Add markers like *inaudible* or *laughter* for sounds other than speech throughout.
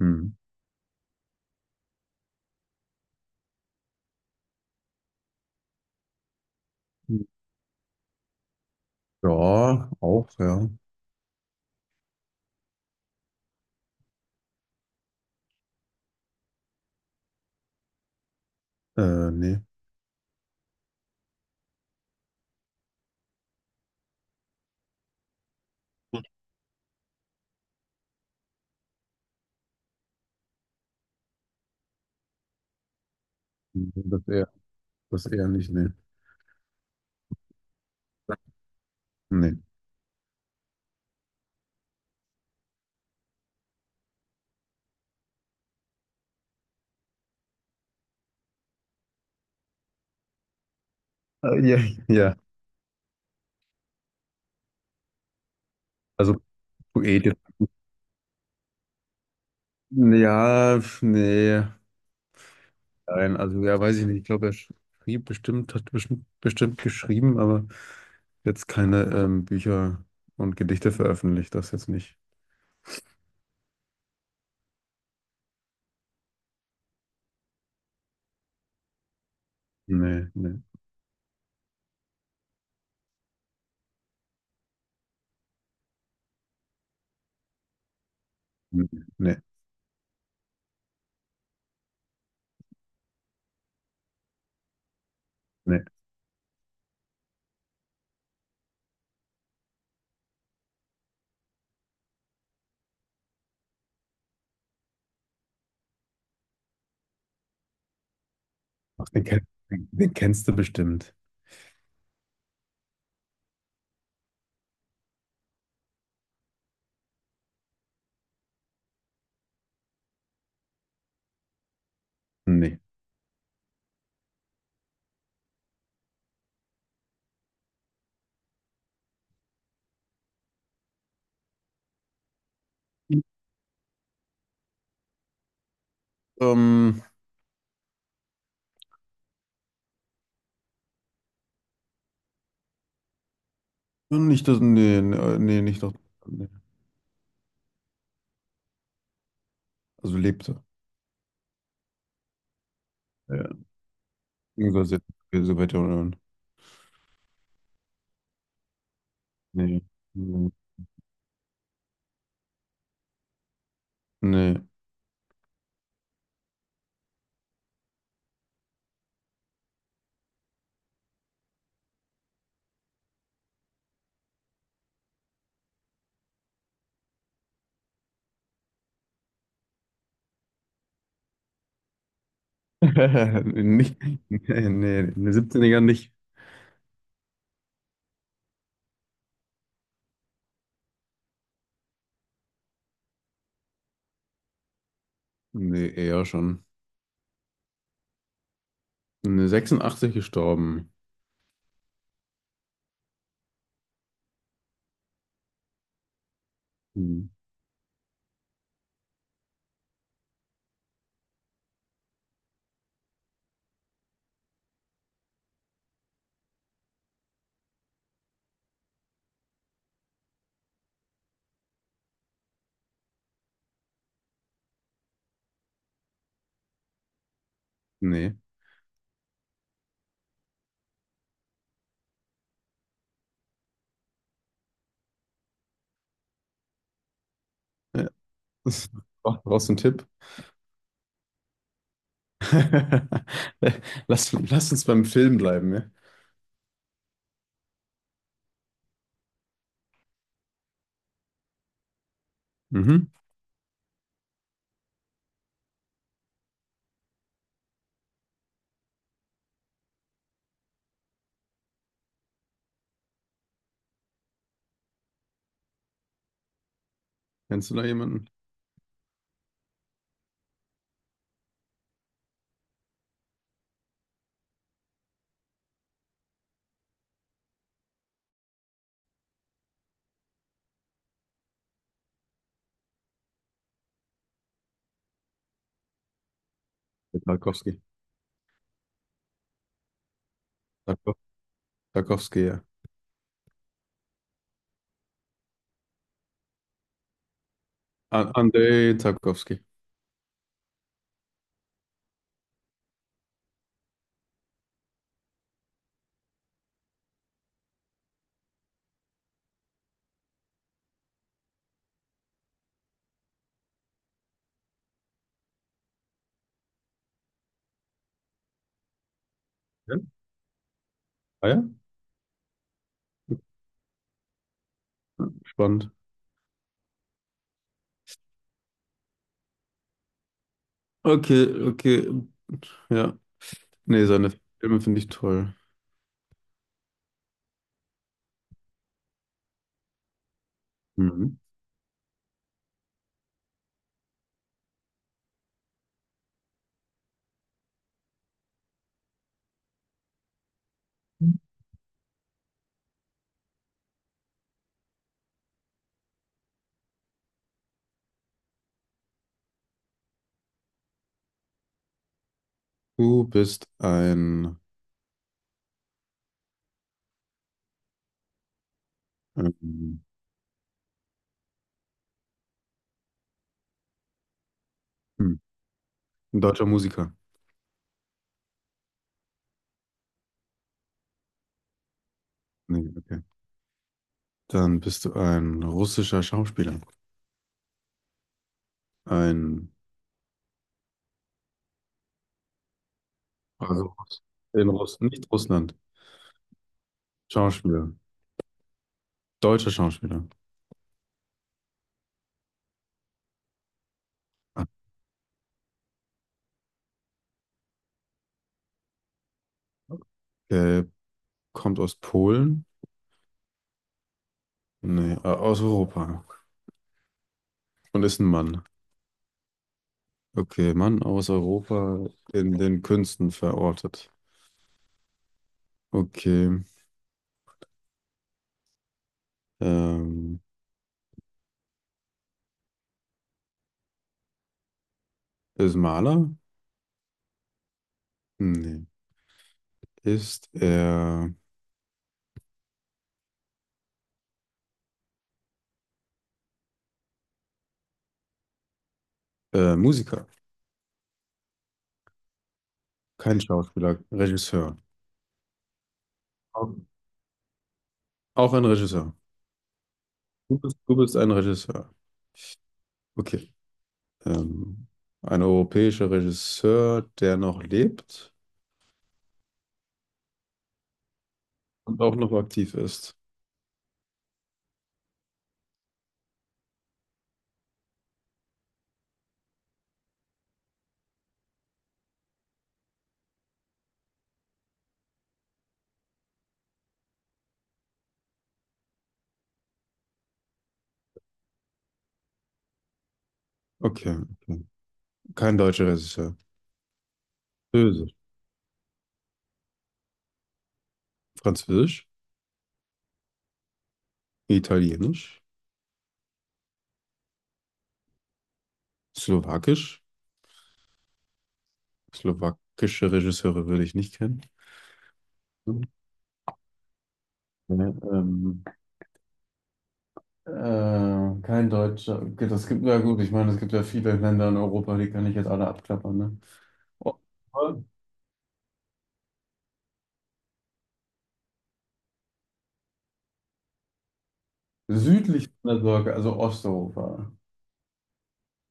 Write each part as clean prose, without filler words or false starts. Hm. Ja, auch, ja. Nee. Das eher, das eher nicht, nee. Nee. Ja, *laughs* ja. Also Poet jetzt. Ja, pf, nee. Nein, also ja, weiß ich nicht. Ich glaube, er schrieb bestimmt, hat bestimmt geschrieben, aber jetzt keine Bücher und Gedichte veröffentlicht, das jetzt nicht. Nee, nee, nee, nee. Nee. Ach, den kennst du bestimmt. Nee. Ähm, nicht das, nee, nee, nee, nicht das. Nee. Also lebte. Ja. Sogar sehr, so weiter unten. Nee. Nee. Nee. *laughs* Nicht, nee, nee, eine 17 nicht. Nee, eher schon. Eine 86 gestorben. Hm. Nee. Ja. Das- Brauchst du einen Tipp? *laughs* Lass uns beim Film bleiben, ja? Mhm. Kennst du da jemanden? Tarkowski. Tarko- Tarkowski, ja. Andrei Tarkowski. Ja? Ah ja? Spannend. Okay, okay. Ja. Nee, seine Filme finde ich toll. Mhm. Du bist ein, ähm, hm, Ein deutscher Musiker. Nee, okay. Dann bist du ein russischer Schauspieler. Ein, also in Russ nicht Russland. Schauspieler. Deutscher Schauspieler. Ah, okay. Kommt aus Polen? Nee, aus Europa. Und ist ein Mann. Okay, Mann aus Europa in den Künsten verortet. Okay. Ähm, Ist Maler? Nee. Ist er Musiker? Kein Schauspieler, Regisseur. Auch auch ein Regisseur. Du bist ein Regisseur. Okay. Ähm, ein europäischer Regisseur, der noch lebt und auch noch aktiv ist. Okay, okay. Kein deutscher Regisseur. Böse. Französisch, Italienisch, Slowakisch. Slowakische Regisseure würde ich nicht kennen. Ja, ähm, äh, kein Deutscher. Okay, das gibt ja gut. Ich meine, es gibt ja viele Länder in Europa, die kann ich jetzt alle abklappern, ne? Oh, südlich von der Sorge, also Osteuropa.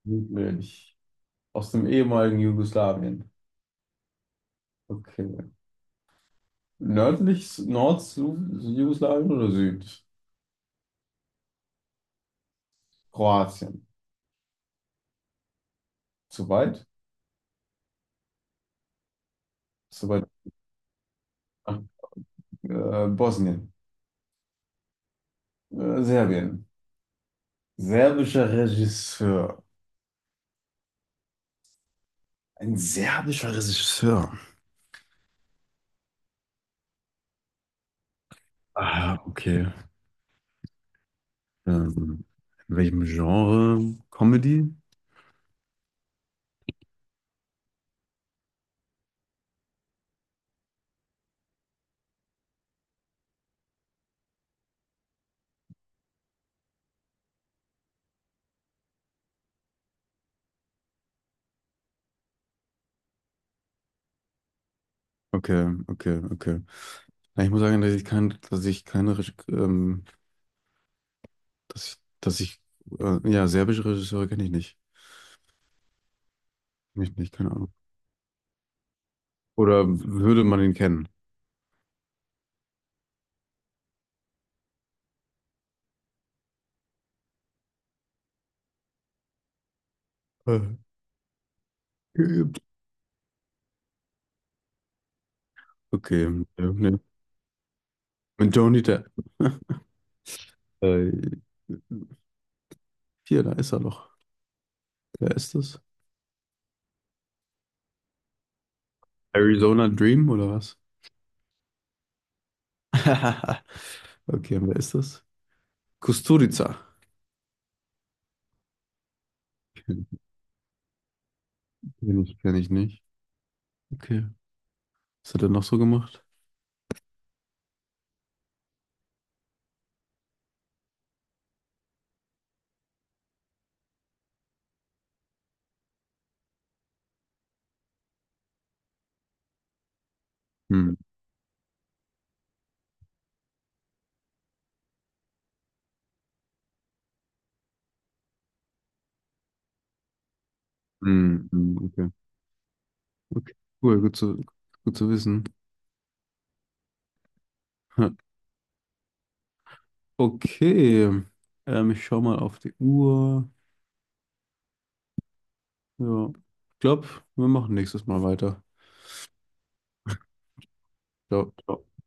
Südlich. Aus dem ehemaligen Jugoslawien. Okay. Nördlich, Nord-Jugoslawien oder Süd? Kroatien. Zu weit? Zu weit. Ach, Bosnien. Serbien. Serbischer Regisseur. Ein serbischer Regisseur. Ah, okay. Ähm, in welchem Genre? Comedy? Okay, okay, okay. Na, ich muss sagen, dass ich keine Reg- Dass, dass ich, ja, serbische Regisseure kenne ich nicht. Kenn ich nicht, keine Ahnung. Oder würde man ihn kennen? Äh, geübt. Okay, nee. Mit Johnny Depp. *laughs* Äh, hier, da ist er doch. Wer ist das? Arizona Dream oder was? *laughs* Okay, wer ist das? Kusturica. Kenn kenn ich nicht. Okay. Was hat er noch so gemacht? Hm. Hm, hm, okay. Okay. Cool, gut zu, gut zu wissen. *laughs* Okay. Ich schau mal auf die Uhr. Ja. Ich glaube, wir machen nächstes Mal weiter. Ciao. Ciao.